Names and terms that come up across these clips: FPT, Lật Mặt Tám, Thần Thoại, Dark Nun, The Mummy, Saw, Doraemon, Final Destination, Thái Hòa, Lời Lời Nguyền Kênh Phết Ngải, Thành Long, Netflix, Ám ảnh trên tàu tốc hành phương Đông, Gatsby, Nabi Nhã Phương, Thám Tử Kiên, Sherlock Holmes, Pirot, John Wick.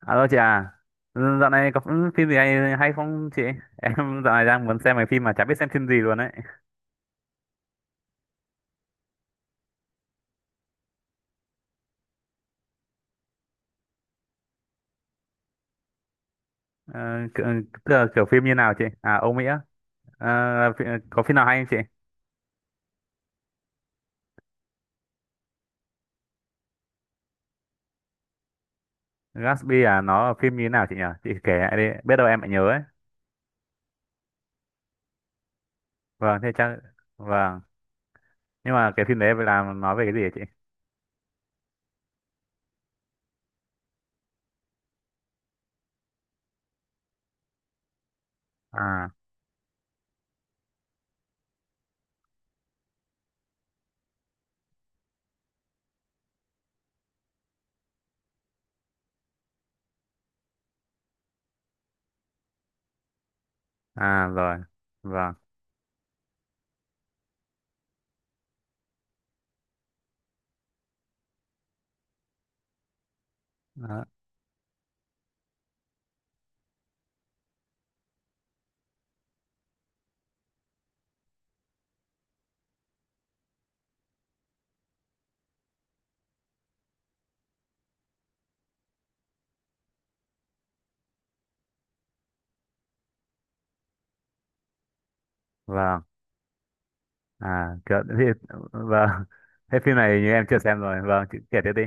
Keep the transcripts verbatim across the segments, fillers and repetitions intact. Alo chị à, ừ, dạo này có phim gì hay, hay không chị? Em dạo này đang muốn xem mấy phim mà chả biết xem phim gì luôn đấy. Ờ, kiểu, tức là kiểu phim như nào chị? À, Âu Mỹ á. Ờ, phim- có phim nào hay không chị? Gatsby à, nó là phim như thế nào chị nhỉ? Chị kể lại đi, biết đâu em lại nhớ ấy. Vâng, thế chắc, vâng. Nhưng mà cái phim đấy là nói về cái gì hả chị? À, à rồi, vâng. Đó. Vâng, à, kiểu, thì, vâng. Thế phim này như em chưa xem rồi, vâng, chị kể tiếp đi.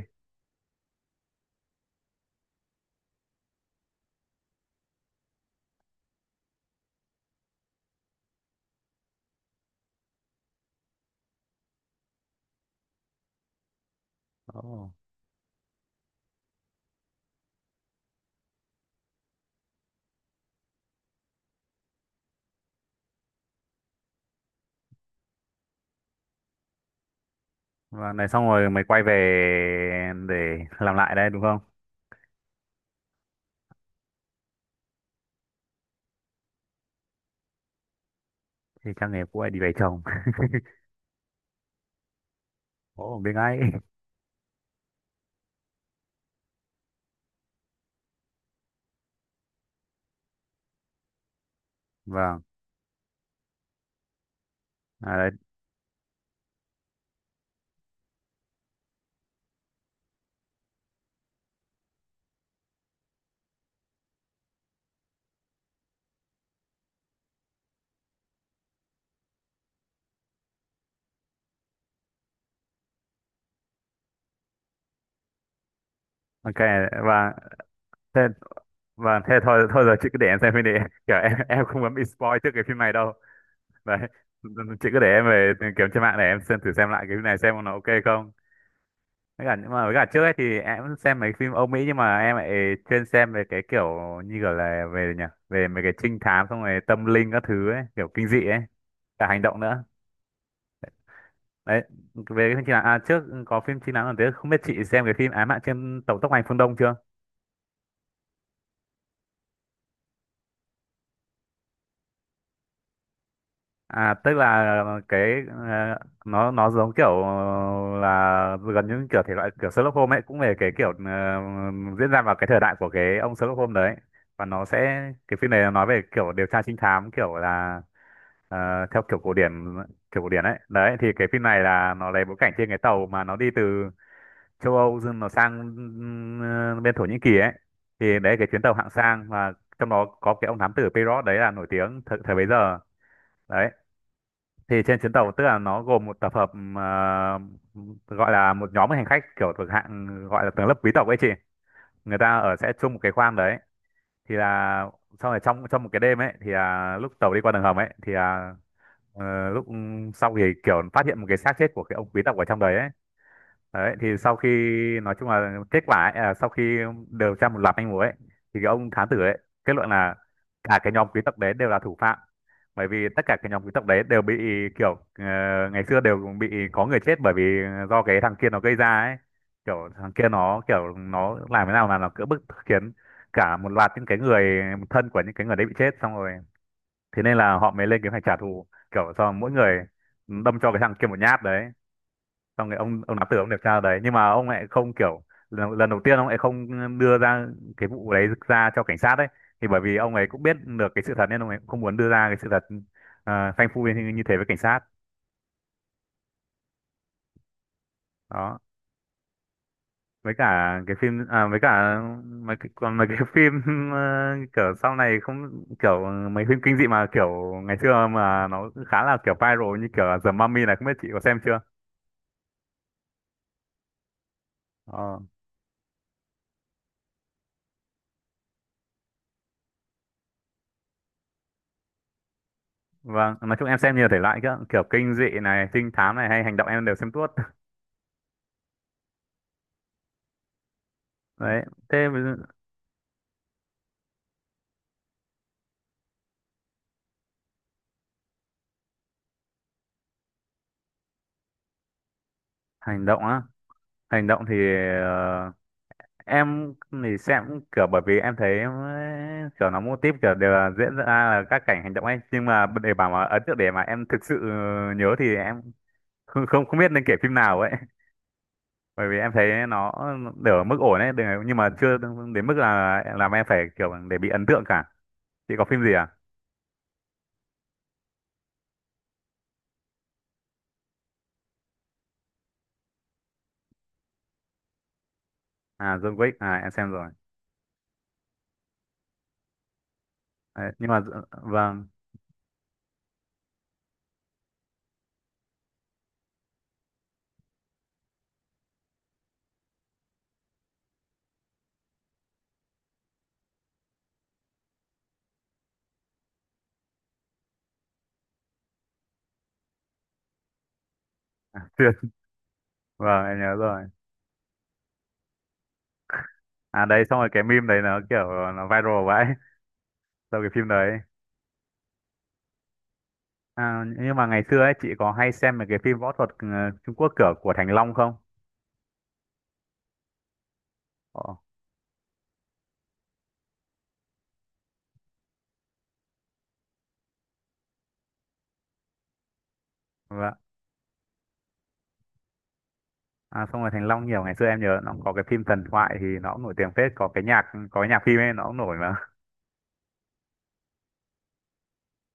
Ồ. Và này xong rồi mày quay về để làm lại đây đúng không? Thì trang nghề cũ lại đi về chồng. Ồ, biết ngay. Vâng. À, đấy. Ok. Và thế, và thế thôi thôi giờ chị cứ để em xem phim đi. Kiểu em em không muốn bị spoil trước cái phim này đâu. Đấy. Chị cứ để em về kiếm trên mạng để em xem thử xem lại cái phim này xem nó ok không. Với cả nhưng mà với cả trước ấy thì em xem mấy phim Âu Mỹ nhưng mà em lại chuyên xem về cái kiểu như kiểu là về nhỉ, về mấy cái trinh thám xong rồi tâm linh các thứ ấy, kiểu kinh dị ấy, cả hành động nữa. Đấy, về cái phim chính nắng à, trước có phim chính nắng còn thế không biết chị xem cái phim Ám ảnh trên tàu tốc hành phương Đông chưa. À tức là cái ờ, nó nó giống kiểu là gần như kiểu thể loại kiểu Sherlock Holmes ấy, cũng về cái kiểu ờ, diễn ra vào cái thời đại của cái ông Sherlock Holmes đấy, và nó sẽ cái phim này nó nói về kiểu điều tra trinh thám kiểu là ờ, theo kiểu cổ điển, kiểu cổ điển ấy. Đấy thì cái phim này là nó lấy bối cảnh trên cái tàu mà nó đi từ châu Âu dừng nó sang ừm, bên Thổ Nhĩ Kỳ ấy, thì đấy cái chuyến tàu hạng sang, và trong đó có cái ông thám tử Pirot đấy là nổi tiếng thời, thời bấy giờ đấy. Thì trên chuyến tàu tức là nó gồm một tập hợp ừm, ờ, gọi là một nhóm hành khách kiểu thuộc hạng gọi là tầng lớp quý tộc ấy chị, người ta ở sẽ chung một cái khoang đấy. Thì là sau này trong trong một cái đêm ấy thì là lúc tàu đi qua đường hầm ấy thì là ờ, lúc sau thì kiểu phát hiện một cái xác chết của cái ông quý tộc ở trong đấy ấy. Đấy, thì sau khi nói chung là kết quả ấy, à, sau khi điều tra một loạt manh mối ấy, thì cái ông thám tử ấy kết luận là cả cái nhóm quý tộc đấy đều là thủ phạm, bởi vì tất cả cái nhóm quý tộc đấy đều bị kiểu ờ, ngày xưa đều bị có người chết bởi vì do cái thằng kia nó gây ra ấy, kiểu thằng kia nó kiểu nó làm thế nào là nó cưỡng bức khiến cả một loạt những cái người thân của những cái người đấy bị chết, xong rồi thế nên là họ mới lên kế hoạch trả thù, kiểu cho mỗi người đâm cho cái thằng kia một nhát đấy. Xong rồi ông ông nắm tử ông điều tra đấy nhưng mà ông lại không kiểu lần, lần đầu tiên ông lại không đưa ra cái vụ đấy ra cho cảnh sát đấy, thì bởi vì ông ấy cũng biết được cái sự thật nên ông ấy cũng không muốn đưa ra cái sự thật, uh, phanh phui như, như thế với cảnh sát. Đó, với cả cái phim à, với cả mấy cái, còn mấy cái phim uh, kiểu sau này không kiểu mấy phim kinh dị mà kiểu ngày xưa mà nó khá là kiểu viral như kiểu là The Mummy này không biết chị có xem chưa. Ờ. Vâng, nói chung em xem nhiều thể loại cơ, kiểu kinh dị này, trinh thám này hay hành động em đều xem tuốt. Đấy, thế bây giờ- hành động á, hành động thì ờ, em thì xem cũng kiểu bởi vì em thấy ấy, kiểu nó mô típ kiểu đều là diễn ra là các cảnh hành động ấy nhưng mà để bảo mà ấn tượng để mà em thực sự nhớ thì em không không không biết nên kể phim nào ấy bởi vì em thấy nó đều ở mức ổn ấy đều- nhưng mà chưa đến mức là làm em phải kiểu để bị ấn tượng cả. Chị có phim gì à. À John Wick à em xem rồi, đấy, nhưng mà ờ, vâng. Vâng em nhớ rồi. À đấy xong rồi cái meme đấy nó kiểu nó viral vậy sau cái phim đấy. À, nhưng mà ngày xưa ấy chị có hay xem mấy cái phim võ thuật ờ, Trung Quốc kiểu của Thành Long không? Ồ, vâng. À, xong rồi Thành Long nhiều ngày xưa em nhớ nó cũng có cái phim Thần Thoại thì nó cũng nổi tiếng phết, có cái nhạc, có cái nhạc phim ấy nó cũng nổi mà.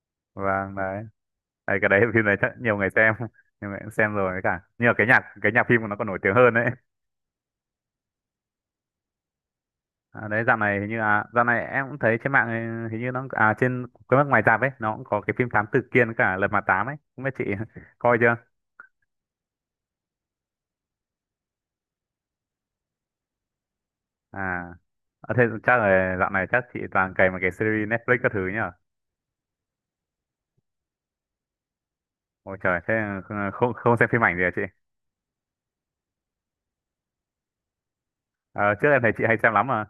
Vâng đấy, đấy cái đấy phim đấy chắc nhiều người xem nhiều người cũng xem rồi, với cả nhưng mà cái nhạc cái nhạc phim của nó còn nổi tiếng hơn đấy. À, đấy dạo này hình như à dạo này em cũng thấy trên mạng ấy, hình như nó à trên cái mắt ngoài rạp ấy nó cũng có cái phim Thám Tử Kiên với cả Lật Mặt Tám ấy không biết chị coi chưa. À. À, thế chắc là dạo này chắc chị toàn cày mấy cái series Netflix các thứ nhỉ? Ôi trời, thế không, không không xem phim ảnh gì hả chị? À, trước em thấy chị hay xem lắm mà.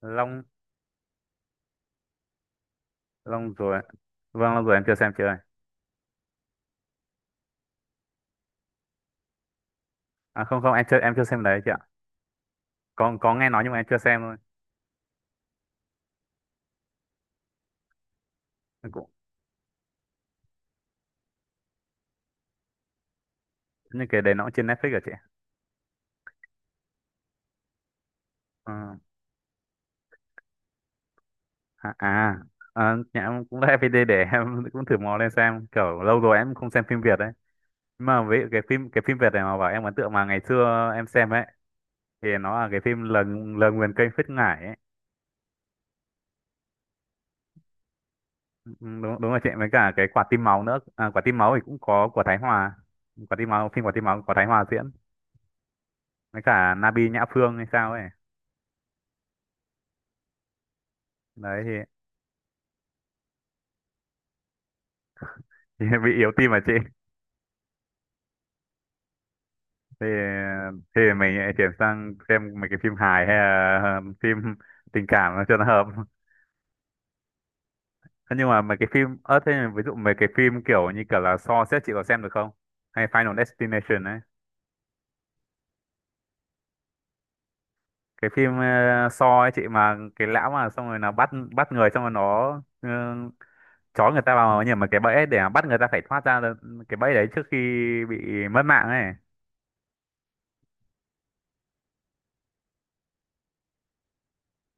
Long, Long rồi, vâng Long rồi em chưa xem chị ơi. À không không em chưa em chưa xem đấy chị ạ. Có có nghe nói nhưng mà em chưa xem thôi. Em cũng những cái đấy nó cũng trên Netflix hả chị? Ừ. À, à, à nhà em cũng là ép pê tê để em cũng thử mò lên xem. Kiểu lâu rồi em không xem phim Việt đấy. Nhưng mà với cái phim cái phim Việt này mà bảo em ấn tượng mà ngày xưa em xem ấy thì nó là cái phim Lời, Lời Nguyền Kênh Phết Ngải ấy. Ừ, đúng đúng là chị với cả cái quả tim máu nữa, à, quả tim máu thì cũng có của Thái Hòa, quả tim máu phim quả tim máu của Thái Hòa diễn với cả Nabi Nhã Phương hay sao ấy, đấy thì, thì bị yếu tim mà chị, thì thì mình lại chuyển sang xem mấy cái phim hài hay là ờ, phim tình cảm nó cho nó hợp. Thế nhưng mà mấy cái phim ớt thế ví dụ mấy cái phim kiểu như kiểu là Saw xếp chị có xem được không, hay Final Destination ấy, cái phim uh, Saw ấy chị, mà cái lão mà xong rồi nó bắt bắt người, xong rồi nó chó người ta vào nhưng mà cái bẫy để mà bắt người ta phải thoát ra được cái bẫy đấy trước khi bị mất mạng ấy.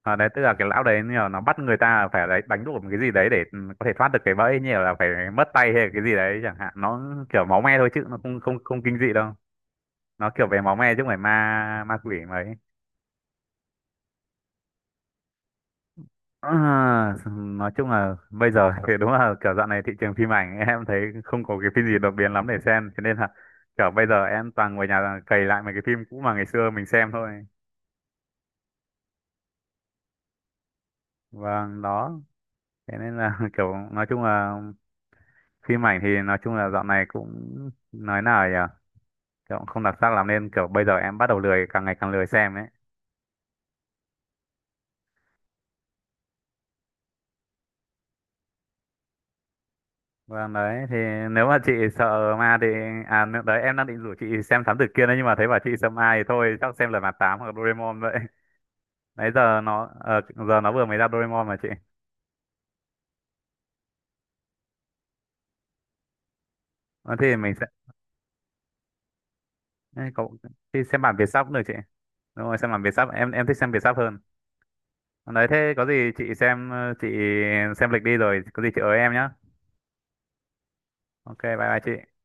À, đấy tức là cái lão đấy như là nó bắt người ta phải đấy đánh đổ một cái gì đấy để ừ, có thể thoát được cái bẫy như là phải mất tay hay là cái gì đấy chẳng hạn, nó kiểu máu me thôi chứ nó không không không kinh dị đâu, nó kiểu về máu me chứ không phải ma ma quỷ mấy. Ờ, nói chung là bây giờ thì đúng là kiểu dạo này thị trường phim ảnh em thấy không có cái phim gì đột biến lắm để xem, cho nên là kiểu bây giờ em toàn ngồi nhà cày lại mấy cái phim cũ mà ngày xưa mình xem thôi. Vâng đó, thế nên là kiểu nói chung là phim ảnh thì nói chung là dạo này cũng nói nào nhỉ, kiểu cũng không đặc sắc lắm nên kiểu bây giờ em bắt đầu lười càng ngày càng lười xem ấy. Vâng đấy, thì nếu mà chị sợ ma thì à nếu- đấy em đang định rủ chị xem Thám Tử Kiên đấy nhưng mà thấy bảo chị sợ ma thì thôi chắc xem Lật Mặt Tám hoặc Doraemon vậy. Đấy giờ nó ờ, giờ nó vừa mới ra Doraemon mà chị. Ờ, thì mình sẽ ấy, cậu thì xem bản Việt sắp cũng được chị, đúng rồi xem bản Việt sắp em em thích xem Việt sắp hơn. Ờ, đấy thế có gì chị xem ờ, chị xem lịch đi rồi có gì chị ới em nhé. Ok bye bye chị.